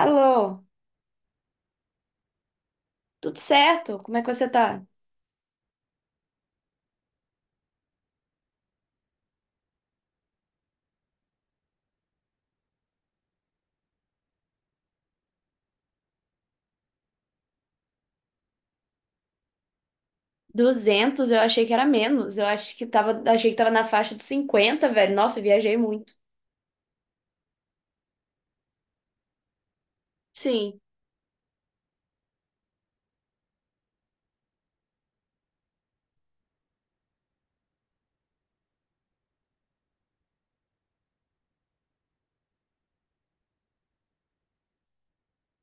Alô, tudo certo? Como é que você tá? 200, eu achei que era menos. Eu acho que tava, achei que tava na faixa de 50, velho. Nossa, eu viajei muito. Sim.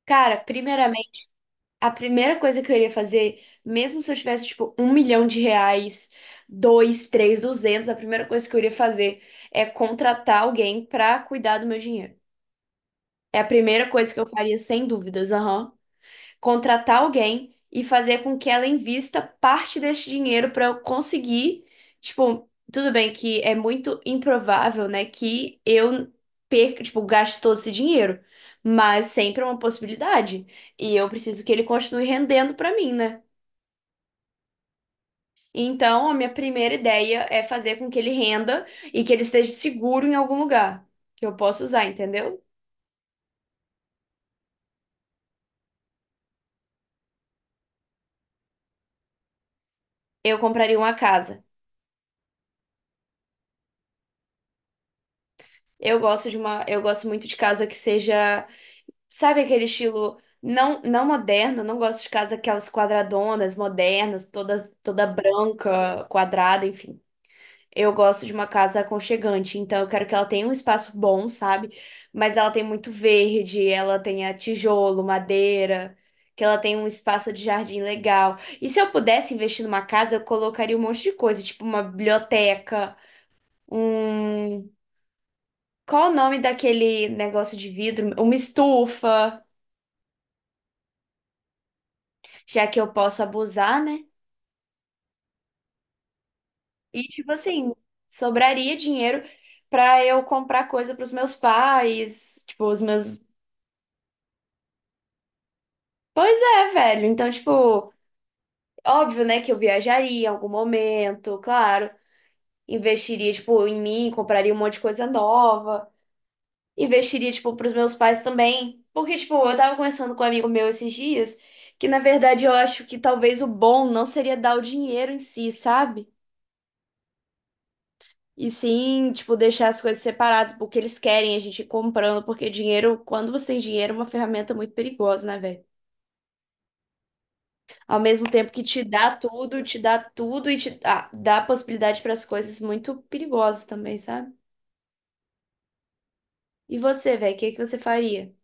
Cara, primeiramente, a primeira coisa que eu iria fazer, mesmo se eu tivesse, tipo, 1 milhão de reais, dois, três, 200, a primeira coisa que eu iria fazer é contratar alguém pra cuidar do meu dinheiro. É a primeira coisa que eu faria, sem dúvidas. Aham. Contratar alguém e fazer com que ela invista parte desse dinheiro para eu conseguir, tipo, tudo bem que é muito improvável, né, que eu perca, tipo, gaste todo esse dinheiro, mas sempre é uma possibilidade e eu preciso que ele continue rendendo para mim, né? Então, a minha primeira ideia é fazer com que ele renda e que ele esteja seguro em algum lugar que eu possa usar, entendeu? Eu compraria uma casa. Eu gosto muito de casa que seja. Sabe aquele estilo não moderno? Não gosto de casa aquelas quadradonas, modernas, toda branca, quadrada, enfim. Eu gosto de uma casa aconchegante, então eu quero que ela tenha um espaço bom, sabe? Mas ela tem muito verde, ela tenha tijolo, madeira, que ela tenha um espaço de jardim legal. E se eu pudesse investir numa casa, eu colocaria um monte de coisa, tipo uma biblioteca, um. Qual o nome daquele negócio de vidro? Uma estufa. Já que eu posso abusar, né? E, tipo assim, sobraria dinheiro pra eu comprar coisa pros meus pais, tipo, os meus. Pois é, velho. Então, tipo, óbvio, né, que eu viajaria em algum momento, claro. Investiria, tipo, em mim, compraria um monte de coisa nova. Investiria, tipo, pros meus pais também. Porque, tipo, eu tava conversando com um amigo meu esses dias, que na verdade eu acho que talvez o bom não seria dar o dinheiro em si, sabe? E sim, tipo, deixar as coisas separadas, porque eles querem a gente ir comprando, porque dinheiro, quando você tem dinheiro, é uma ferramenta muito perigosa, né, velho? Ao mesmo tempo que te dá tudo e te dá possibilidade para as coisas muito perigosas também, sabe? E você, velho, o que que você faria?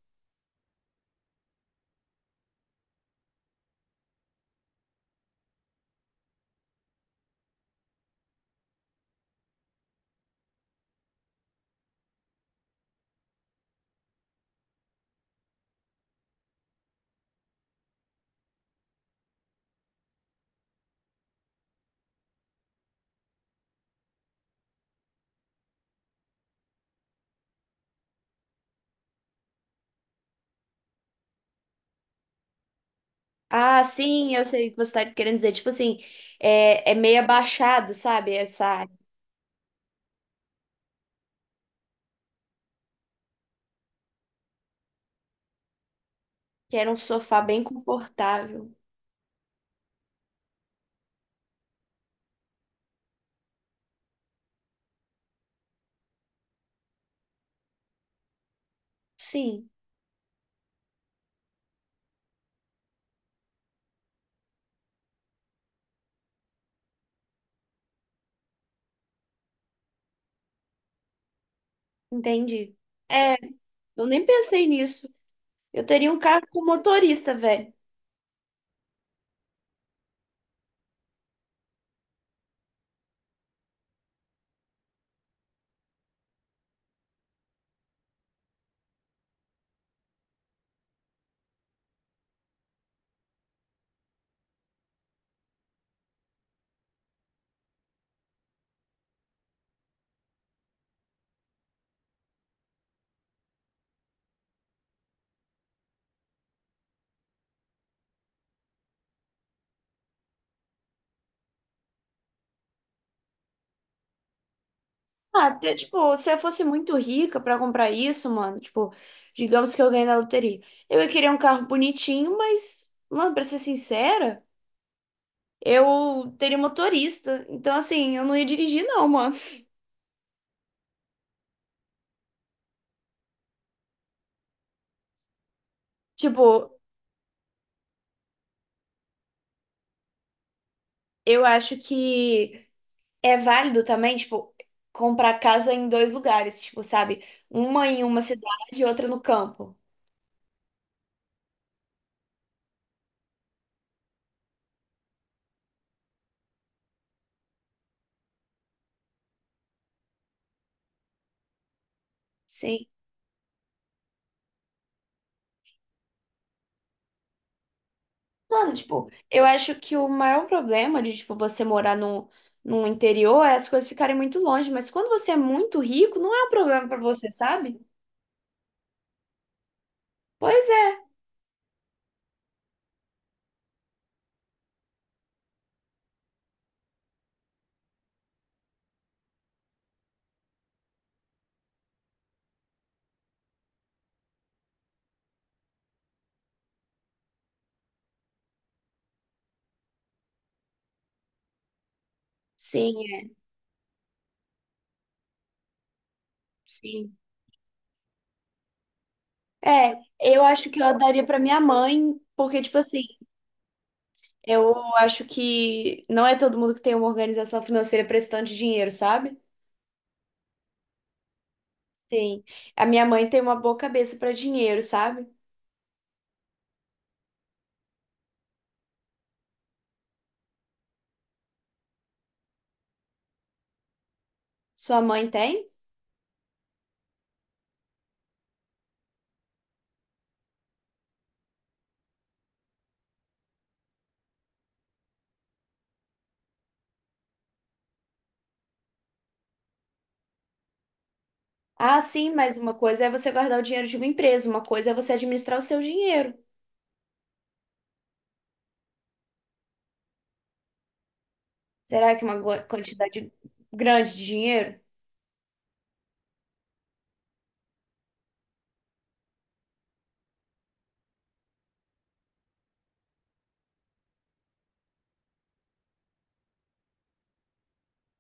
Ah, sim, eu sei o que você tá querendo dizer. Tipo assim, é meio abaixado, sabe? Essa área. Que era um sofá bem confortável. Sim, entendi. É, eu nem pensei nisso. Eu teria um carro com motorista, velho. Ah, até, tipo, se eu fosse muito rica pra comprar isso, mano, tipo, digamos que eu ganhei na loteria. Eu ia querer um carro bonitinho, mas, mano, pra ser sincera, eu teria motorista. Então, assim, eu não ia dirigir, não, mano. Tipo, eu acho que é válido também, tipo, comprar casa em dois lugares, tipo, sabe? Uma em uma cidade e outra no campo. Sim. Mano, tipo, eu acho que o maior problema de, tipo, você morar no interior é as coisas ficarem muito longe, mas quando você é muito rico, não é um problema pra você, sabe? Pois é. Sim, é, sim. É, eu acho que eu daria pra minha mãe, porque, tipo assim, eu acho que não é todo mundo que tem uma organização financeira prestando dinheiro, sabe? Sim. A minha mãe tem uma boa cabeça pra dinheiro, sabe? Sua mãe tem? Ah, sim, mas uma coisa é você guardar o dinheiro de uma empresa, uma coisa é você administrar o seu dinheiro. Será que é uma gua- quantidade grande de dinheiro?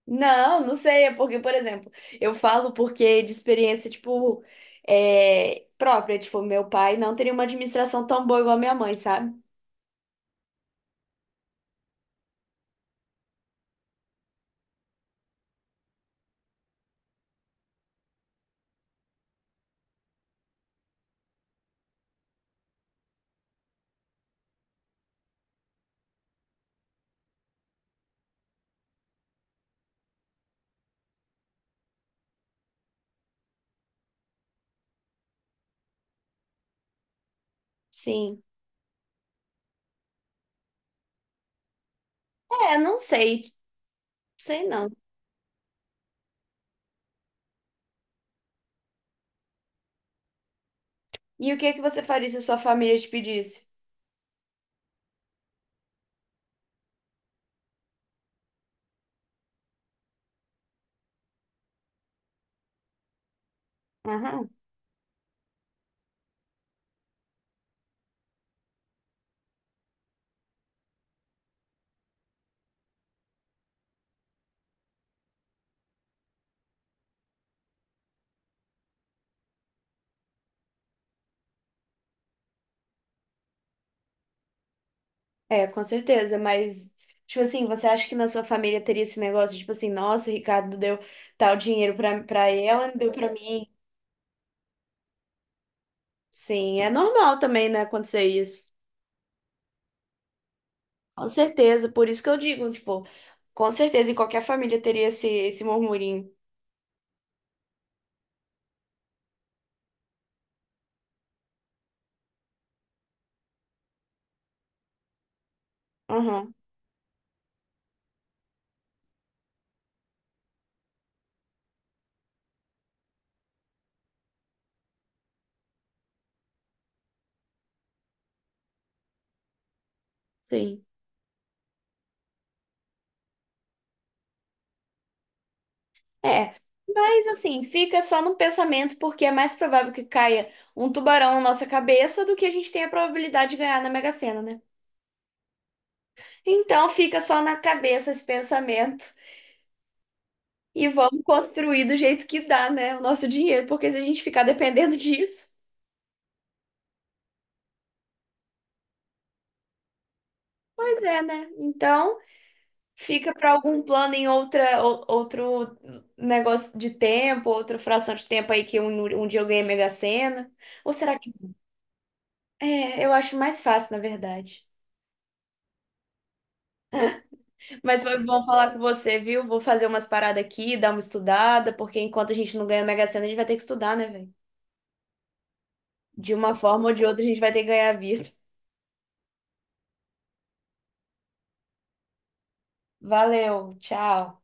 Não, não sei. É porque, por exemplo, eu falo porque de experiência, tipo, é, própria. Tipo, meu pai não teria uma administração tão boa igual a minha mãe, sabe? Sim. É, não sei. Sei não. E o que é que você faria se a sua família te pedisse? Aham. É, com certeza, mas, tipo assim, você acha que na sua família teria esse negócio, tipo assim, nossa, o Ricardo deu tal dinheiro pra ela, não deu pra mim? Sim, é normal também, né, acontecer isso. Com certeza, por isso que eu digo, tipo, com certeza em qualquer família teria esse murmurinho. Aham, sim. É. Mas assim, fica só no pensamento, porque é mais provável que caia um tubarão na nossa cabeça do que a gente tenha a probabilidade de ganhar na Mega Sena, né? Então fica só na cabeça esse pensamento e vamos construir do jeito que dá, né? O nosso dinheiro, porque se a gente ficar dependendo disso, pois é, né? Então. Fica para algum plano em outra, outro negócio de tempo, outra fração de tempo aí que um dia eu ganhei Mega Sena. Ou será que. É, eu acho mais fácil, na verdade. Mas foi bom falar com você, viu? Vou fazer umas paradas aqui, dar uma estudada, porque enquanto a gente não ganha Mega Sena, a gente vai ter que estudar, né, velho? De uma forma ou de outra, a gente vai ter que ganhar a vida. Valeu, tchau.